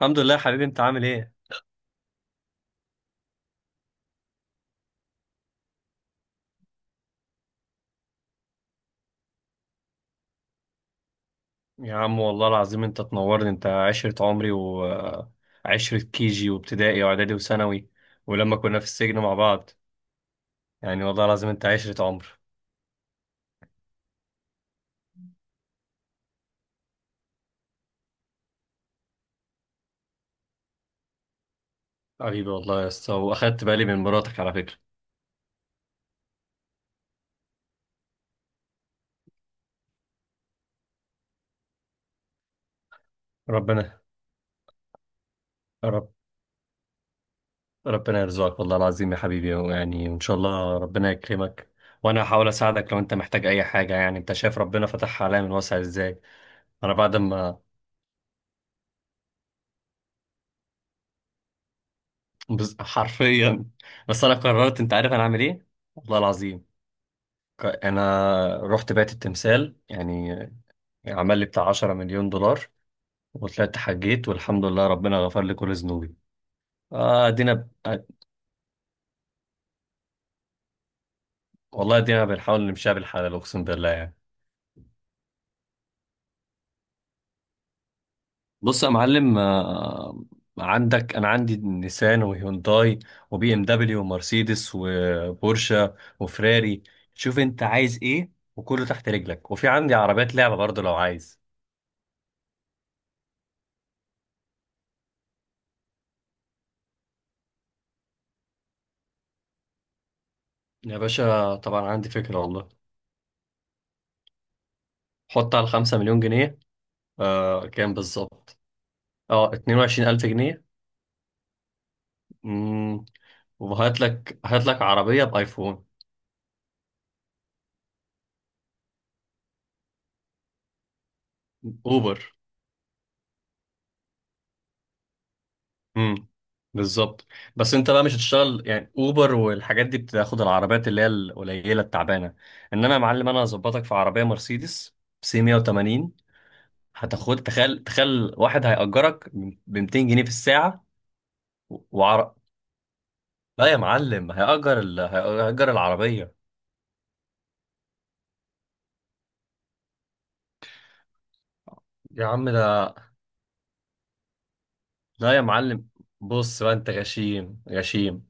الحمد لله يا حبيبي، انت عامل ايه؟ يا عم والله العظيم انت تنورني. انت عشرة عمري، وعشرة كيجي وابتدائي واعدادي وثانوي، ولما كنا في السجن مع بعض، يعني والله العظيم انت عشرة عمر حبيبي. والله يا اسطى، واخدت بالي من مراتك على فكرة. ربنا رب ربنا يرزقك والله العظيم يا حبيبي، يعني وان شاء الله ربنا يكرمك. وانا هحاول اساعدك لو انت محتاج اي حاجة. يعني انت شايف ربنا فتحها عليا من واسع ازاي. انا بعد ما حرفيا، بس انا قررت. انت عارف انا اعمل ايه؟ والله العظيم، انا رحت بيت التمثال، يعني عمل لي بتاع 10 مليون دولار، وطلعت حجيت والحمد لله ربنا غفر لي كل ذنوبي. آه ادينا ب... آه، والله ادينا بنحاول نمشيها بالحلال اقسم بالله يعني. بص يا معلم، عندك. انا عندي نيسان وهيونداي وبي ام دبليو ومرسيدس وبورشة وفراري. شوف انت عايز ايه، وكله تحت رجلك، وفي عندي عربيات لعبة برضه لو عايز. يا باشا طبعا عندي فكرة والله. حط على 5 مليون جنيه. كام بالظبط؟ اه 22,000 جنيه. امم وهات لك عربية بآيفون. اوبر. امم بالظبط. بس انت بقى مش هتشتغل يعني اوبر، والحاجات دي بتاخد العربيات اللي هي القليلة التعبانة. انما يا معلم، انا هظبطك في عربية مرسيدس سي 180. هتاخد، تخيل تخيل، واحد هيأجرك ب 200 جنيه في الساعة. وعر... لا يا معلم، هيأجر العربية. يا عم ده، لا يا معلم. بص بقى، انت غشيم غشيم.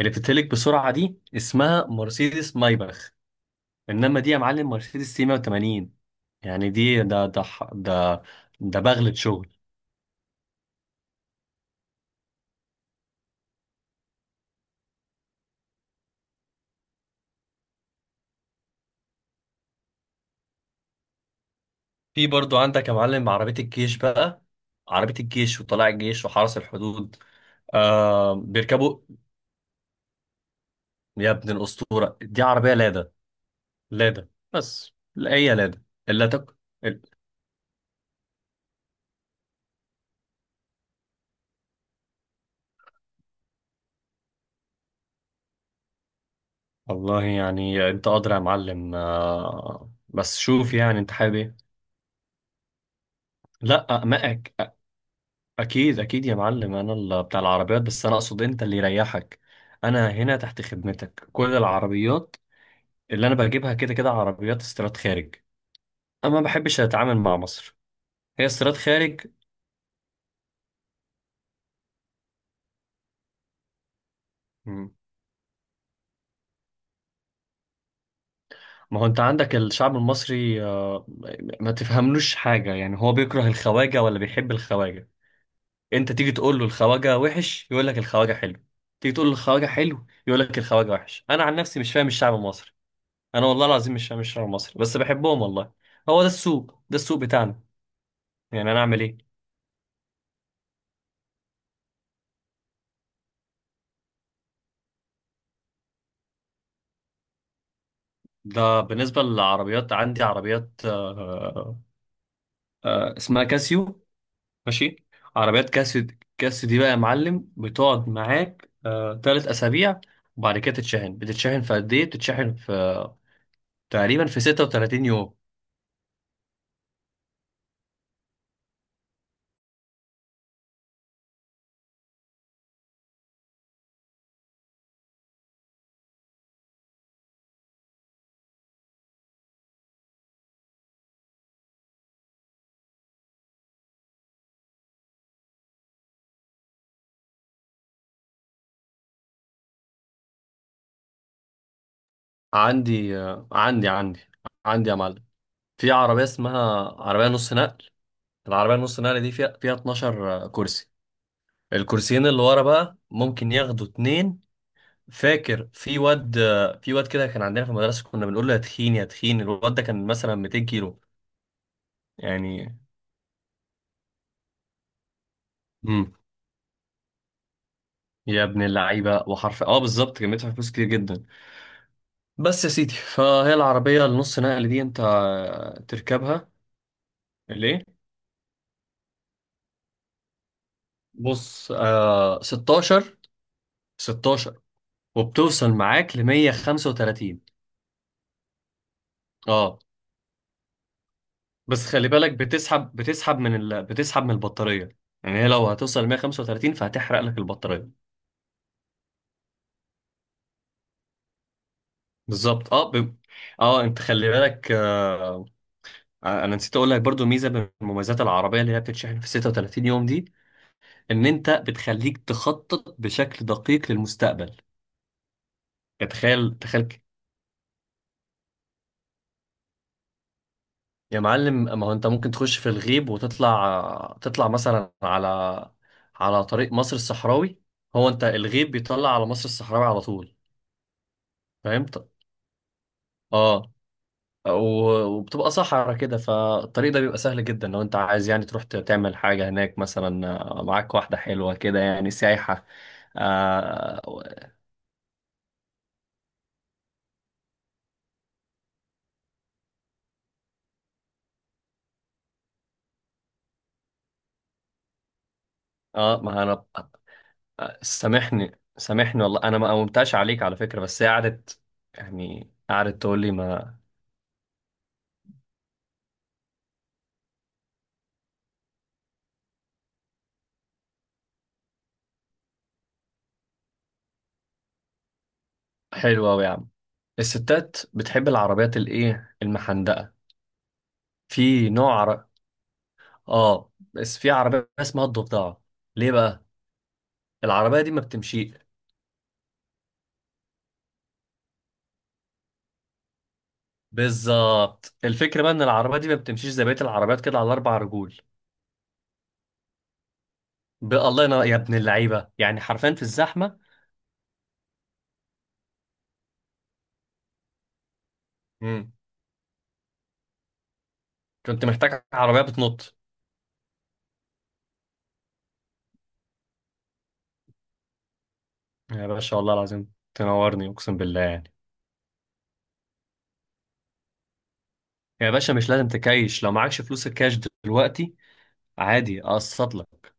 اللي بتتهلك بسرعة دي اسمها مرسيدس مايباخ، انما دي يا معلم مرسيدس 180. يعني دي ده. ده بغلة شغل. في برضو عندك يا معلم عربية الجيش بقى. عربية الجيش وطلاع الجيش وحرس الحدود. آه، بيركبوا. يا ابن الأسطورة، دي عربية لادا. لادا بس لا هي لادا. اللي تك... ال- والله يعني انت قادر يا معلم، بس شوف يعني انت حابب ايه. لا أقمأك. اكيد اكيد يا معلم، انا اللي بتاع العربيات، بس انا اقصد انت اللي يريحك. انا هنا تحت خدمتك، كل العربيات اللي انا بجيبها كده كده عربيات استيراد خارج. انا ما بحبش اتعامل مع مصر. هي استيراد خارج. مم. ما هو انت عندك الشعب المصري، ما تفهملوش حاجة. يعني هو بيكره الخواجة ولا بيحب الخواجة؟ انت تيجي تقول له الخواجة وحش، يقول لك الخواجة حلو. تيجي تقول له الخواجة حلو، يقول لك الخواجة وحش. انا عن نفسي مش فاهم الشعب المصري. انا والله العظيم مش شعر مصري، بس بحبهم والله. هو ده السوق بتاعنا. يعني انا اعمل ايه؟ ده بالنسبه للعربيات، عندي عربيات. اسمها كاسيو. ماشي. عربيات كاسيو دي بقى يا معلم، بتقعد معاك 3 اسابيع. وبعد كده بتتشحن في قد ايه؟ بتتشحن في تقريبا في 36 يوم. عندي آه عندي عندي عندي يا معلم. في عربيه اسمها عربيه نص نقل. العربيه نص نقل دي فيها 12 كرسي. الكرسيين اللي ورا بقى ممكن ياخدوا اتنين. فاكر في واد كده كان عندنا في المدرسة، كنا بنقول له يا تخين يا تخين. الواد ده كان مثلا 200 كيلو، يعني. امم يا ابن اللعيبة وحرف، اه بالظبط، كان بيدفع فلوس كتير جدا. بس يا سيدي فهي العربية النص نقل دي انت تركبها. ليه؟ بص، 16. 16. وبتوصل معاك ل 135. اه. بس خلي بالك، بتسحب من البطارية. يعني هي لو هتوصل 135 فهتحرق لك البطارية. بالظبط. اه ب... اه انت خلي بالك. انا نسيت اقول لك برضو ميزة من مميزات العربية اللي هي بتتشحن في 36 يوم دي، ان انت بتخليك تخطط بشكل دقيق للمستقبل. يعني تخيل تخيل يا معلم، ما هو انت ممكن تخش في الغيب، وتطلع مثلا على طريق مصر الصحراوي. هو انت الغيب بيطلع على مصر الصحراوي على طول. فهمت؟ اه. وبتبقى صحرا كده، فالطريق ده بيبقى سهل جدا لو انت عايز يعني تروح تعمل حاجة هناك مثلا، معاك واحدة حلوة كده، يعني سايحة. اه, ما انا. سامحني سامحني والله، انا ما قومتش عليك على فكرة، بس هي قعدت. يعني قعدت تقول لي ما. حلوة أوي يا عم. الستات بتحب العربيات الايه، المحندقة. في نوع اه، بس في عربية اسمها الضفدعة. ليه بقى؟ العربية دي ما بتمشي. بالظبط. الفكرة بقى ان العربية دي ما بتمشيش زي بقية العربيات كده على اربع رجول. الله ينور يا ابن اللعيبة، يعني حرفيا في الزحمة. مم. كنت محتاج عربية بتنط. يا باشا والله العظيم تنورني اقسم بالله يعني. يا باشا، مش لازم تكايش لو معكش فلوس الكاش دلوقتي، عادي اقسط لك.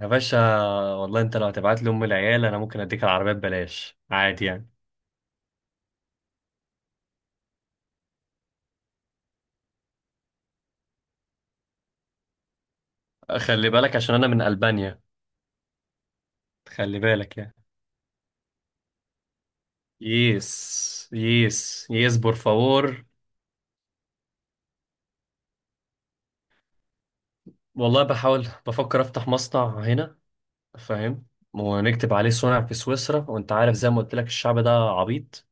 يا باشا والله، انت لو هتبعت لي ام العيال، انا ممكن اديك العربية ببلاش عادي يعني. خلي بالك عشان انا من البانيا. خلي بالك يعني. يس يس يس بور فاور. والله بحاول بفكر افتح مصنع هنا. فاهم؟ ونكتب عليه صنع في سويسرا، وانت عارف زي ما قلت لك، الشعب ده عبيط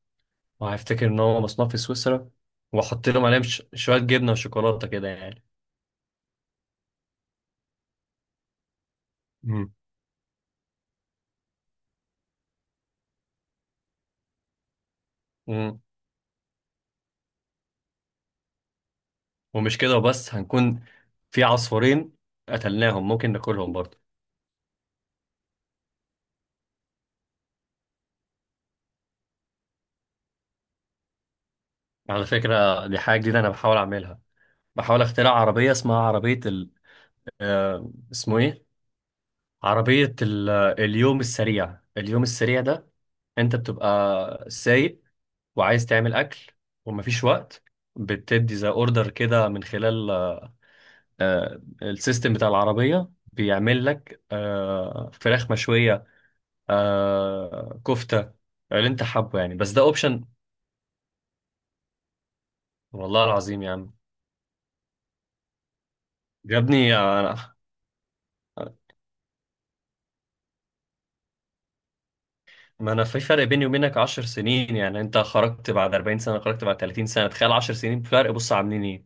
وهيفتكر ان هو مصنوع في سويسرا. واحط لهم عليهم شوية جبنة وشوكولاتة كده يعني. مم. مم. ومش كده وبس. هنكون في عصفورين قتلناهم، ممكن ناكلهم برضه. على فكرة دي حاجة جديدة انا بحاول اعملها. بحاول اخترع عربية اسمها عربية اسمه ايه؟ عربية اليوم السريع. اليوم السريع ده، انت بتبقى سايق وعايز تعمل اكل ومفيش وقت. بتدي زي اوردر كده من خلال السيستم بتاع العربية، بيعمل لك فراخ مشوية، كفتة، اللي انت حابه يعني، بس ده اوبشن. والله العظيم يا عم. يا ابني ما انا في فرق بيني وبينك 10 سنين. يعني انت خرجت بعد 40 سنة، خرجت بعد 30 سنة، تخيل 10 سنين فرق. بص عاملين ايه.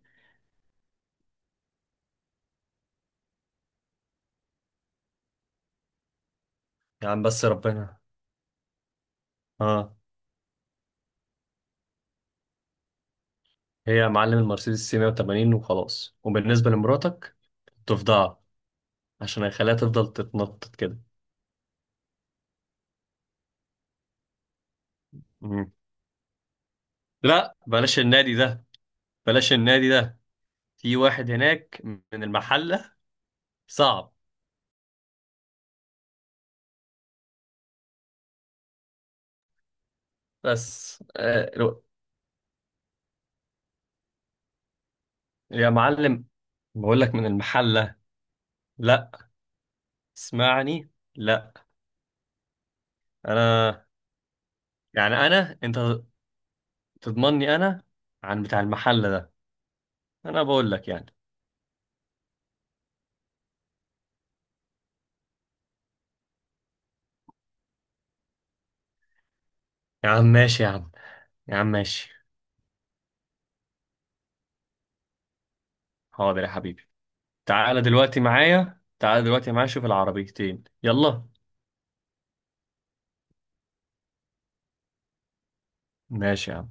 يا عم بس ربنا. اه. هي يا معلم المرسيدس سي 180 وخلاص. وبالنسبة لمراتك تفضل، عشان اخليها تفضل تتنطط كده. مم. لا، بلاش النادي ده. بلاش النادي ده، في واحد هناك من المحلة، صعب. بس يا معلم، بقول لك من المحلة، لا. اسمعني، لا. انا، يعني انا انت تضمني انا عن بتاع المحلة ده. انا بقول لك يعني. يا عم ماشي يا عم، يا عم ماشي. حاضر يا حبيبي. تعالى دلوقتي معايا، تعالى دلوقتي معايا، شوف العربيتين يلا. ماشي يا عم